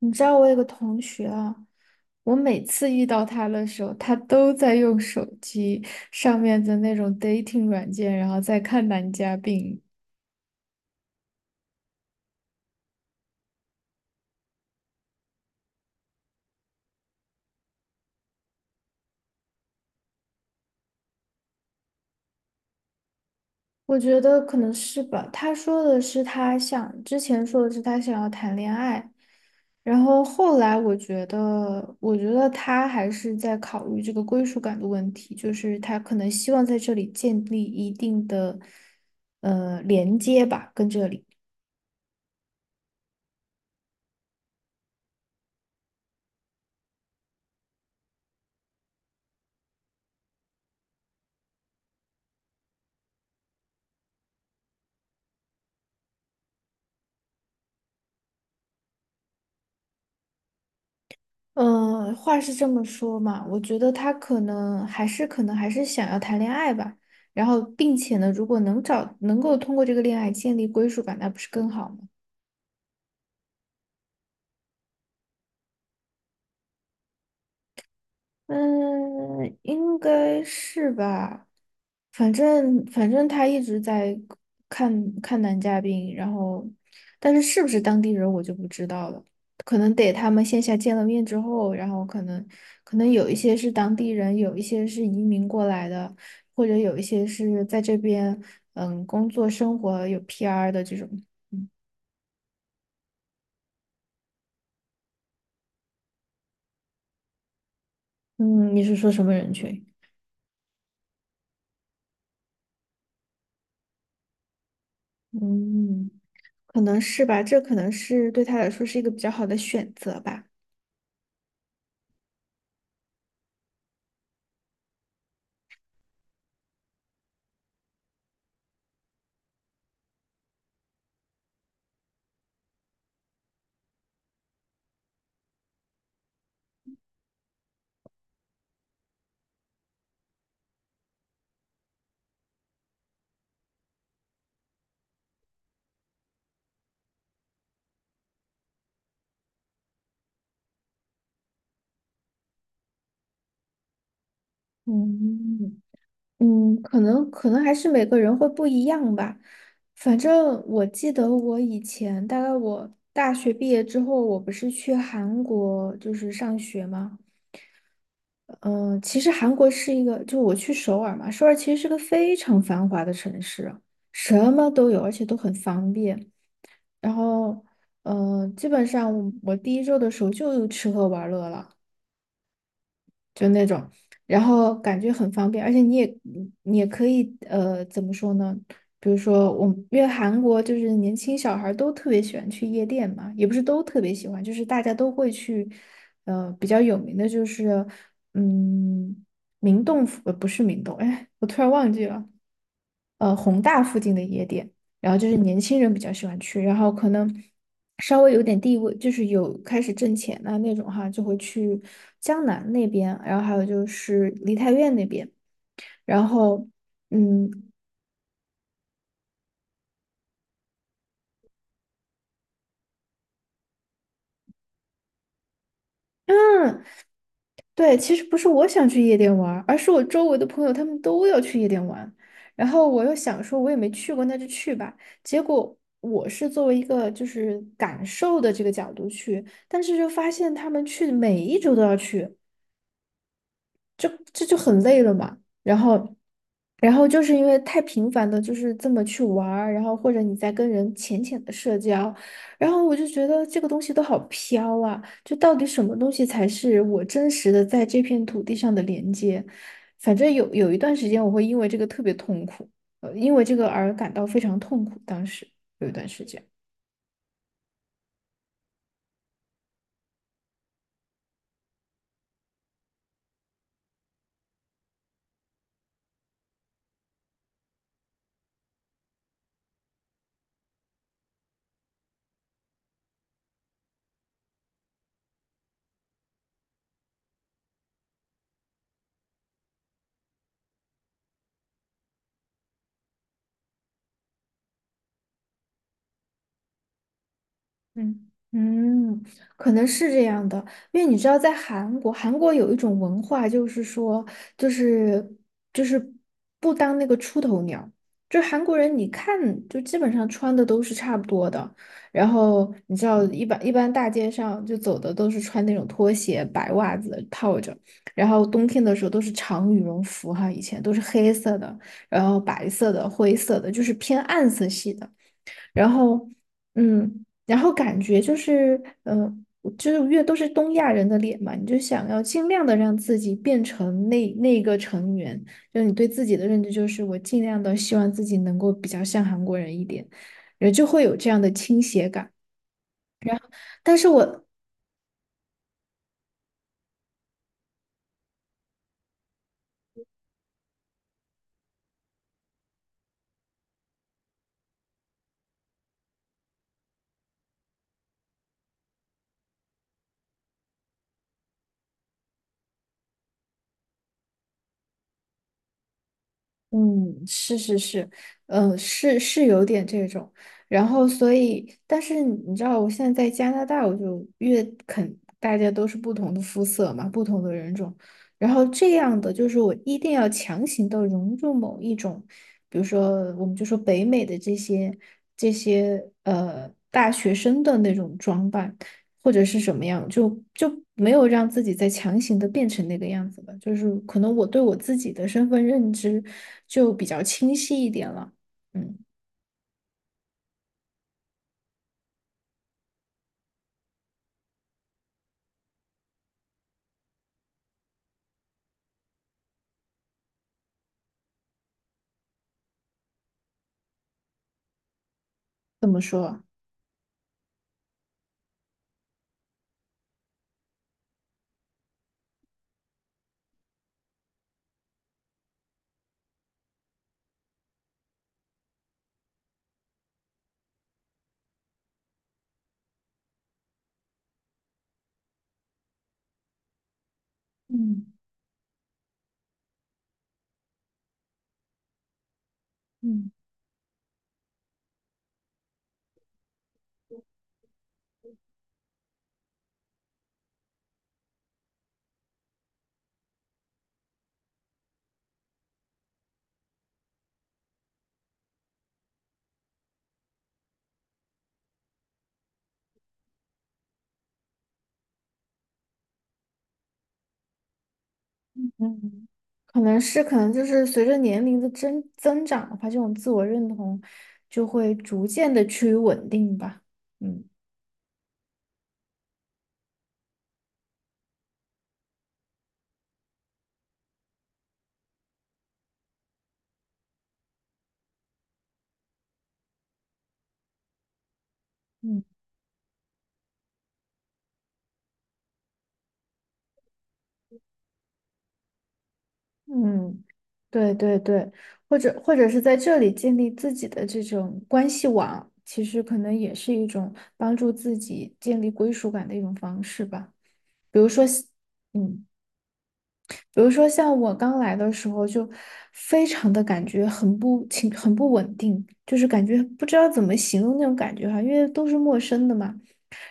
你知道我有个同学啊，我每次遇到他的时候，他都在用手机上面的那种 dating 软件，然后在看男嘉宾。我觉得可能是吧。他说的是他想，之前说的是他想要谈恋爱，然后后来我觉得他还是在考虑这个归属感的问题，就是他可能希望在这里建立一定的连接吧，跟这里。嗯，话是这么说嘛，我觉得他可能还是想要谈恋爱吧，然后并且呢，如果能够通过这个恋爱建立归属感，那不是更好吗？嗯，应该是吧。反正他一直在看看男嘉宾，然后，但是是不是当地人我就不知道了，可能得他们线下见了面之后，然后可能有一些是当地人，有一些是移民过来的，或者有一些是在这边工作生活有 PR 的这种。嗯，你是说什么人群？嗯。可能是吧，这可能是对他来说是一个比较好的选择吧。嗯嗯，可能还是每个人会不一样吧。反正我记得我以前，大概我大学毕业之后，我不是去韩国就是上学吗？嗯，其实韩国是一个，就我去首尔嘛，首尔其实是个非常繁华的城市啊，什么都有，而且都很方便。然后，基本上我第一周的时候就吃喝玩乐了。就那种，然后感觉很方便，而且你也可以怎么说呢？比如说我，因为韩国就是年轻小孩儿都特别喜欢去夜店嘛，也不是都特别喜欢，就是大家都会去，比较有名的就是，嗯，明洞府，不是明洞，哎，我突然忘记了，宏大附近的夜店，然后就是年轻人比较喜欢去，然后可能稍微有点地位，就是有开始挣钱啊那种哈，就会去江南那边，然后还有就是梨泰院那边，然后嗯嗯，对，其实不是我想去夜店玩儿，而是我周围的朋友他们都要去夜店玩，然后我又想说我也没去过，那就去吧，结果。我是作为一个就是感受的这个角度去，但是就发现他们去每一周都要去，就这就很累了嘛。然后，然后就是因为太频繁的，就是这么去玩儿，然后或者你在跟人浅浅的社交，然后我就觉得这个东西都好飘啊，就到底什么东西才是我真实的在这片土地上的连接？反正有一段时间我会因为这个特别痛苦，因为这个而感到非常痛苦，当时有一段时间。嗯嗯，可能是这样的，因为你知道，在韩国，韩国有一种文化，就是说，就是就是不当那个出头鸟，就是韩国人，你看就基本上穿的都是差不多的，然后你知道，一般大街上就走的都是穿那种拖鞋、白袜子套着，然后冬天的时候都是长羽绒服哈，以前都是黑色的，然后白色的、灰色的，就是偏暗色系的。然后，嗯，然后感觉就是，就是越都是东亚人的脸嘛，你就想要尽量的让自己变成那个成员，就是你对自己的认知就是我尽量的希望自己能够比较像韩国人一点，人就会有这样的倾斜感。但是我嗯，是是是，是是有点这种，然后所以，但是你知道，我现在在加拿大，我就越肯大家都是不同的肤色嘛，不同的人种，然后这样的就是我一定要强行的融入某一种，比如说我们就说北美的这些大学生的那种装扮，或者是什么样，就没有让自己再强行的变成那个样子了。就是可能我对我自己的身份认知就比较清晰一点了。嗯，怎么说啊嗯嗯嗯，可能是可能就是随着年龄的增长的话，这种自我认同就会逐渐的趋于稳定吧。嗯嗯。嗯，对对对，或者是在这里建立自己的这种关系网，其实可能也是一种帮助自己建立归属感的一种方式吧。比如说像嗯，比如说像我刚来的时候，就非常的感觉很不情，很不稳定，就是感觉不知道怎么形容那种感觉哈，因为都是陌生的嘛。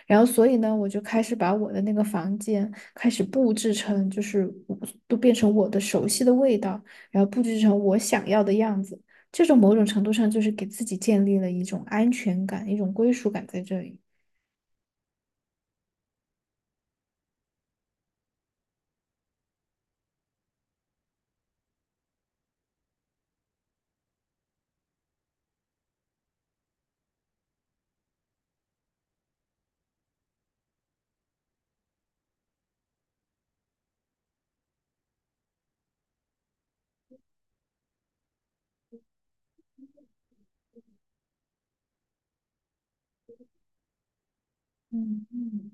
然后，所以呢，我就开始把我的那个房间开始布置成，就是我都变成我的熟悉的味道，然后布置成我想要的样子。这种某种程度上就是给自己建立了一种安全感，一种归属感在这里。嗯嗯。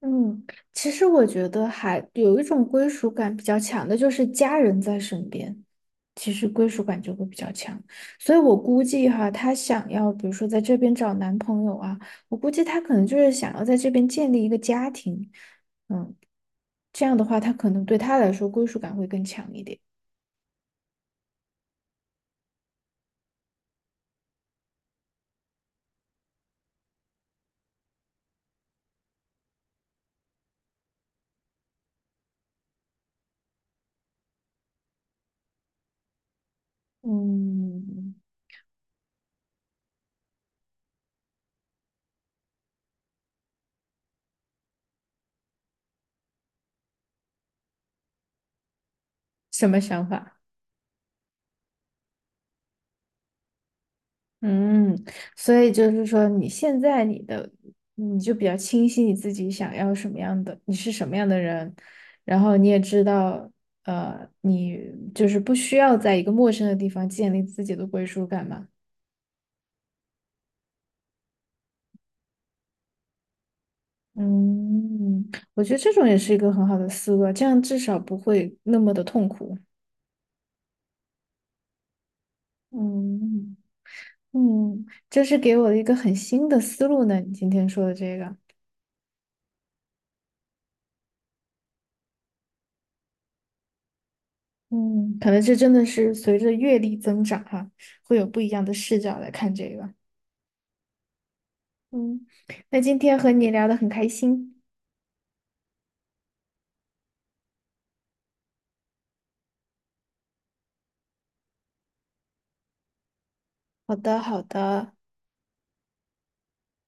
嗯，其实我觉得还有一种归属感比较强的，就是家人在身边，其实归属感就会比较强。所以我估计哈，她想要，比如说在这边找男朋友啊，我估计她可能就是想要在这边建立一个家庭。嗯，这样的话，她可能对她来说归属感会更强一点。嗯，什么想法？嗯，所以就是说，你现在你的你就比较清晰你自己想要什么样的，你是什么样的人，然后你也知道，你就是不需要在一个陌生的地方建立自己的归属感嘛。嗯，我觉得这种也是一个很好的思路啊，这样至少不会那么的痛苦。嗯嗯，这是给我的一个很新的思路呢，你今天说的这个。嗯，可能这真的是随着阅历增长哈，会有不一样的视角来看这个。嗯，那今天和你聊得很开心。好的，好的。